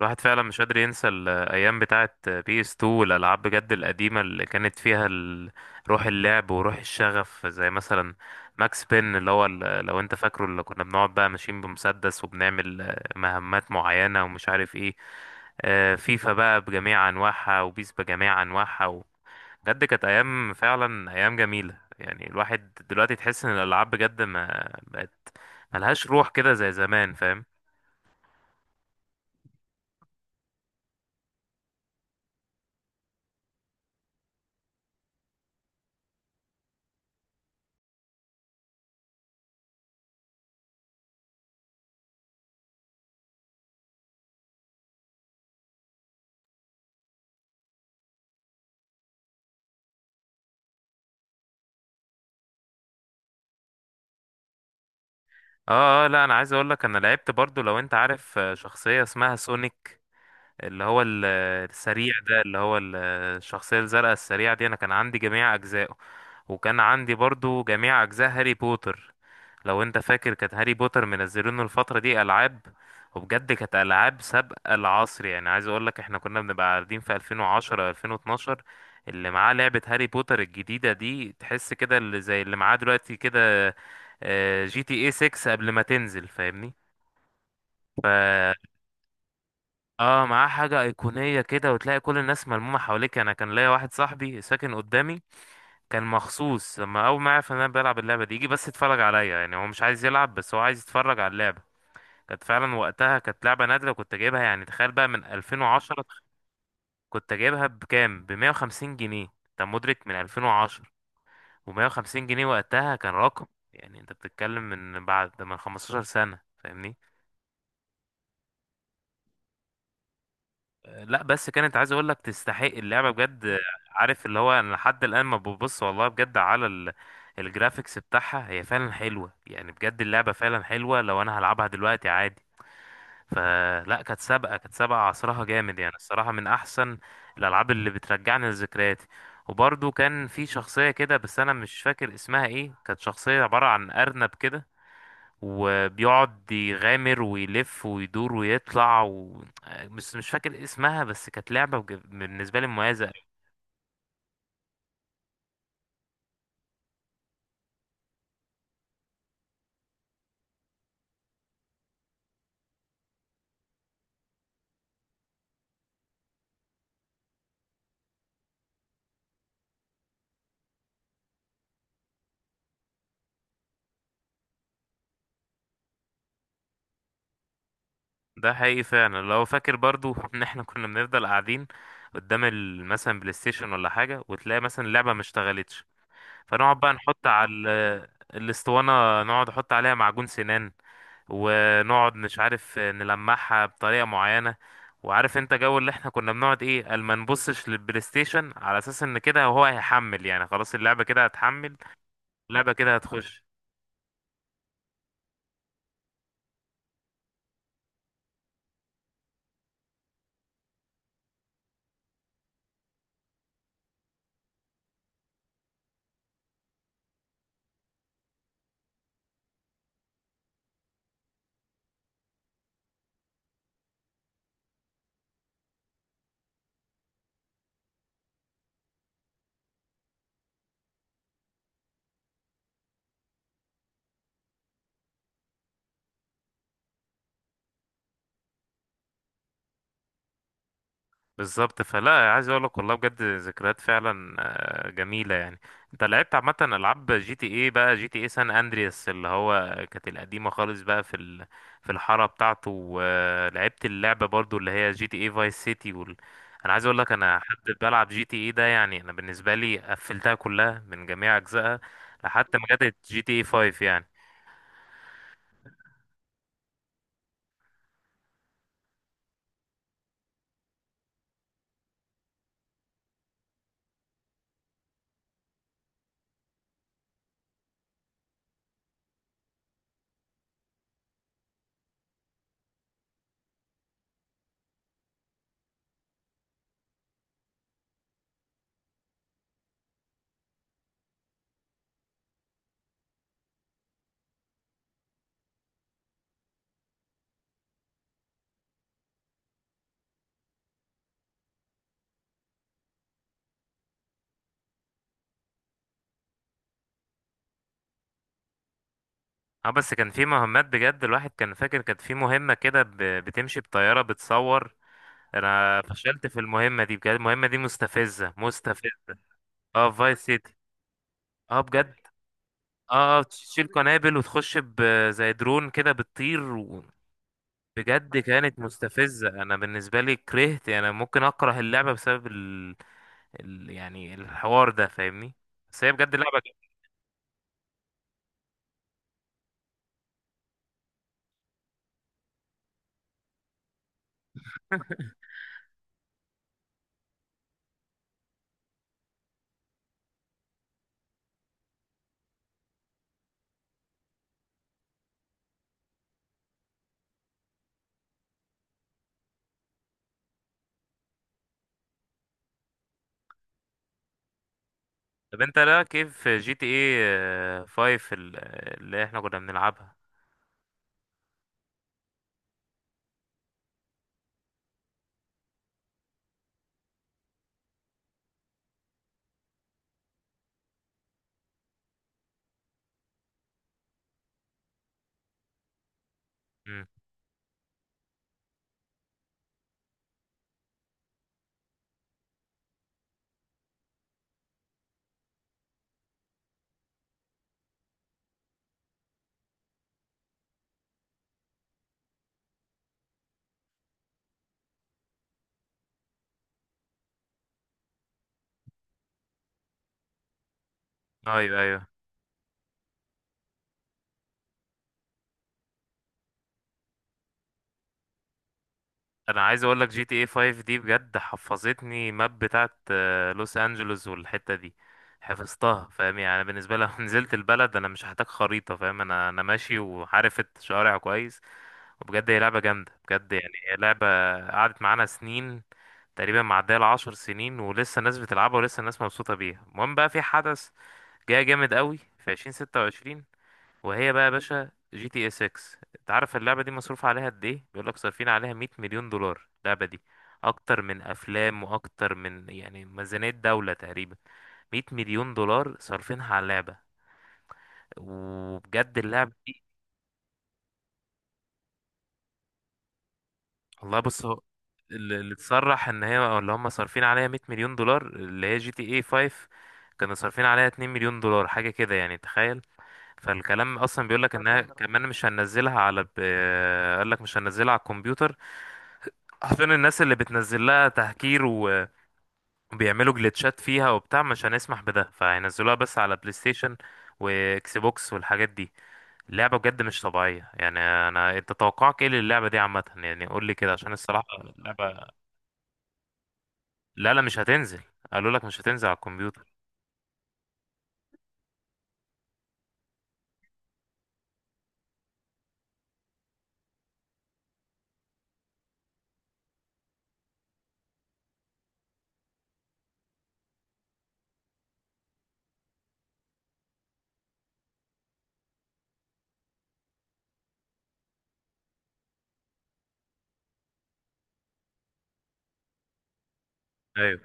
الواحد فعلا مش قادر ينسى الايام بتاعه بي اس 2 والالعاب بجد القديمه اللي كانت فيها روح اللعب وروح الشغف زي مثلا ماكس بين، لو انت فاكره اللي كنا بنقعد بقى ماشيين بمسدس وبنعمل مهمات معينه ومش عارف ايه. فيفا بقى بجميع انواعها وبيس بجميع انواعها. بجد كانت ايام، فعلا ايام جميله يعني، الواحد دلوقتي تحس ان الالعاب بجد ما بقت ملهاش روح كده زي زمان، فاهم؟ اه اه، لا، انا عايز اقول لك، انا لعبت برضو، لو انت عارف شخصية اسمها سونيك، اللي هو السريع ده، اللي هو الشخصية الزرقاء السريعة دي، انا كان عندي جميع اجزائه، وكان عندي برضو جميع اجزاء هاري بوتر. لو انت فاكر، كانت هاري بوتر منزلينه الفترة دي العاب، وبجد كانت العاب سابقة العصر. يعني عايز اقول لك، احنا كنا بنبقى قاعدين في 2010، 2012، اللي معاه لعبة هاري بوتر الجديدة دي تحس كده اللي زي اللي معاه دلوقتي كده جي تي اي 6 قبل ما تنزل، فاهمني ف اه، معاه حاجة أيقونية كده، وتلاقي كل الناس ملمومة حواليك. أنا كان ليا واحد صاحبي ساكن قدامي، كان مخصوص لما اول ما عرف ان انا بلعب اللعبه دي يجي بس يتفرج عليا. يعني هو مش عايز يلعب، بس هو عايز يتفرج على اللعبه. كانت فعلا وقتها، كانت لعبه نادره كنت جايبها، يعني تخيل بقى من 2010. كنت جايبها بكام؟ ب 150 جنيه، انت مدرك؟ من 2010، و150 جنيه وقتها كان رقم. يعني انت بتتكلم من بعد، من 15 سنه، فاهمني؟ لا بس، كانت، عايز اقول لك، تستحق اللعبه بجد. عارف اللي هو انا لحد الان ما ببص والله بجد على الجرافيكس بتاعها هي فعلا حلوه يعني، بجد اللعبه فعلا حلوه، لو انا هلعبها دلوقتي عادي. فلا، كانت سابقه عصرها، جامد يعني، الصراحه من احسن الالعاب اللي بترجعني لذكرياتي. وبرضه كان في شخصيه كده، بس انا مش فاكر اسمها ايه، كانت شخصيه عباره عن ارنب كده، وبيقعد يغامر ويلف ويدور ويطلع. بس مش فاكر اسمها، بس كانت لعبة بالنسبة لي مميزة أوي. ده حقيقي فعلا، لو فاكر برضو ان احنا كنا بنفضل قاعدين قدام مثلا بلاي ستيشن ولا حاجة، وتلاقي مثلا اللعبة ما اشتغلتش، فنقعد بقى نحط على الاسطوانة، نقعد نحط عليها معجون سنان، ونقعد مش عارف نلمعها بطريقة معينة. وعارف انت جو اللي احنا كنا بنقعد ايه، قال ما نبصش للبلاي ستيشن على اساس ان كده هو هيحمل، يعني خلاص اللعبة كده هتحمل، اللعبة كده هتخش. بالظبط. فلا، عايز اقول لك، والله بجد ذكريات فعلا جميله يعني. انت لعبت عامه العاب جي تي اي بقى، جي تي اي سان اندرياس اللي هو كانت القديمه خالص بقى في في الحاره بتاعته، ولعبت اللعبه برضو اللي هي جي تي اي فايس سيتي. انا عايز اقول لك، انا حد بلعب جي تي اي ده يعني، انا بالنسبه لي قفلتها كلها من جميع اجزائها لحد ما جت جي تي اي 5 يعني. اه بس كان في مهمات بجد، الواحد كان فاكر كانت في مهمه كده بتمشي بطياره بتصور، انا فشلت في المهمه دي بجد، المهمه دي مستفزه مستفزه. اه، في فايس سيتي. اه بجد. اه، تشيل قنابل وتخش زي درون كده بتطير. بجد كانت مستفزه، انا بالنسبه لي كرهت يعني، انا ممكن اكره اللعبه بسبب يعني الحوار ده، فاهمني؟ بس هي بجد لعبه جامدة. طب انت، لا كيف جي تي ايه 5 اللي احنا كنا بنلعبها. امم. ايوه ايوه، انا عايز اقول لك، جي تي اي 5 دي بجد حفظتني، ماب بتاعت لوس انجلوس، والحتة دي حفظتها، فاهم يعني؟ أنا بالنسبة لي لو نزلت البلد انا مش هحتاج خريطة، فاهم؟ انا ماشي وعارف الشوارع كويس. وبجد هي لعبة جامدة بجد، يعني هي لعبة قعدت معانا سنين، تقريبا معدية العشر سنين، ولسه الناس بتلعبها ولسه الناس مبسوطة بيها. المهم بقى، في حدث جاي جامد قوي في 2026، وهي بقى يا باشا جي تي اس 6. انت عارف اللعبه دي مصروف عليها قد ايه؟ بيقول لك صارفين عليها 100 مليون دولار اللعبه دي، اكتر من افلام واكتر من يعني ميزانيه دوله تقريبا. 100 مليون دولار صارفينها على اللعبه، وبجد اللعبه دي. والله بص هو، اللي تصرح ان هي، أو اللي هم، صارفين عليها 100 مليون دولار، اللي هي جي تي اي 5 كانوا صارفين عليها 2 مليون دولار حاجه كده، يعني تخيل. فالكلام اصلا بيقول لك انها كمان مش هننزلها على. قال لك مش هننزلها على الكمبيوتر، حرفيا الناس اللي بتنزل لها تهكير وبيعملوا جلitchات فيها وبتاع، مش هنسمح بده، فهينزلوها بس على بلاي ستيشن واكس بوكس والحاجات دي. اللعبة بجد مش طبيعية يعني. انا، انت توقعك ايه للعبة دي عامة يعني؟ قول لي كده عشان الصراحة اللعبة لا لا مش هتنزل، قالوا لك مش هتنزل على الكمبيوتر. ايوه،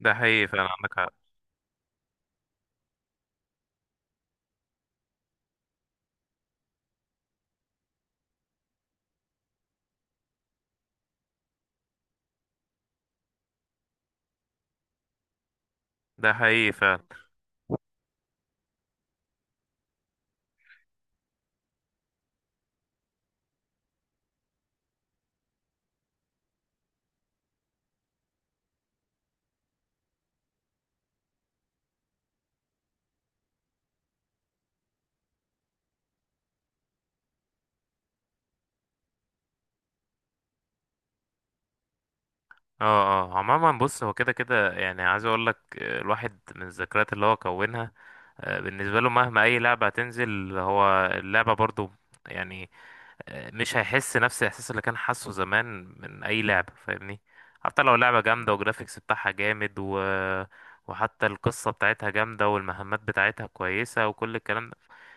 ده حقيقي فعلا، عندك حق. ده حقيقي فعلا. اه اه، عموما بص، هو كده كده يعني، عايز اقول لك الواحد من الذكريات اللي هو كونها بالنسبه له، مهما اي لعبه هتنزل، هو اللعبه برضو يعني مش هيحس نفس الاحساس اللي كان حاسه زمان من اي لعبه، فاهمني؟ حتى لو لعبه جامده وجرافيكس بتاعها جامد، وحتى القصه بتاعتها جامده، والمهمات بتاعتها كويسه، وكل الكلام ده،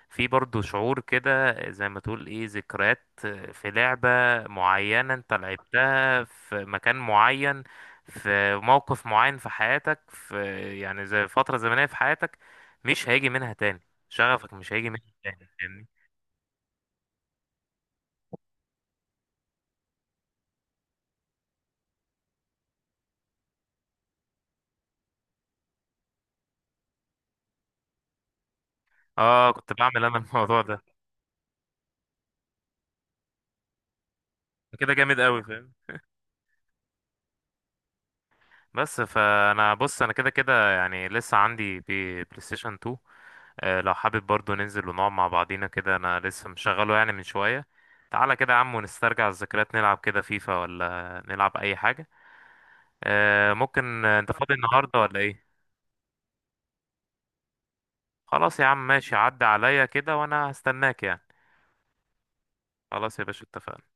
في برضو شعور كده، زي ما تقول ايه، ذكريات في لعبه معينه انت لعبتها في مكان معين، في موقف معين في حياتك، يعني زي فتره زمنيه في حياتك مش هيجي منها تاني، شغفك مش هيجي منها تاني، فاهمني؟ اه، كنت بعمل انا الموضوع ده. كده جامد قوي، فاهم؟ بس، فانا بص، انا كده كده يعني، لسه عندي بلاي ستيشن 2. لو حابب برضو ننزل ونقعد مع بعضينا كده، انا لسه مشغله يعني من شوية. تعالى كده يا عم ونسترجع الذكريات، نلعب كده فيفا ولا نلعب اي حاجة. ممكن، انت فاضي النهاردة ولا ايه؟ خلاص يا عم، ماشي، عدى عليا كده وانا هستناك يعني. خلاص يا باشا، اتفقنا.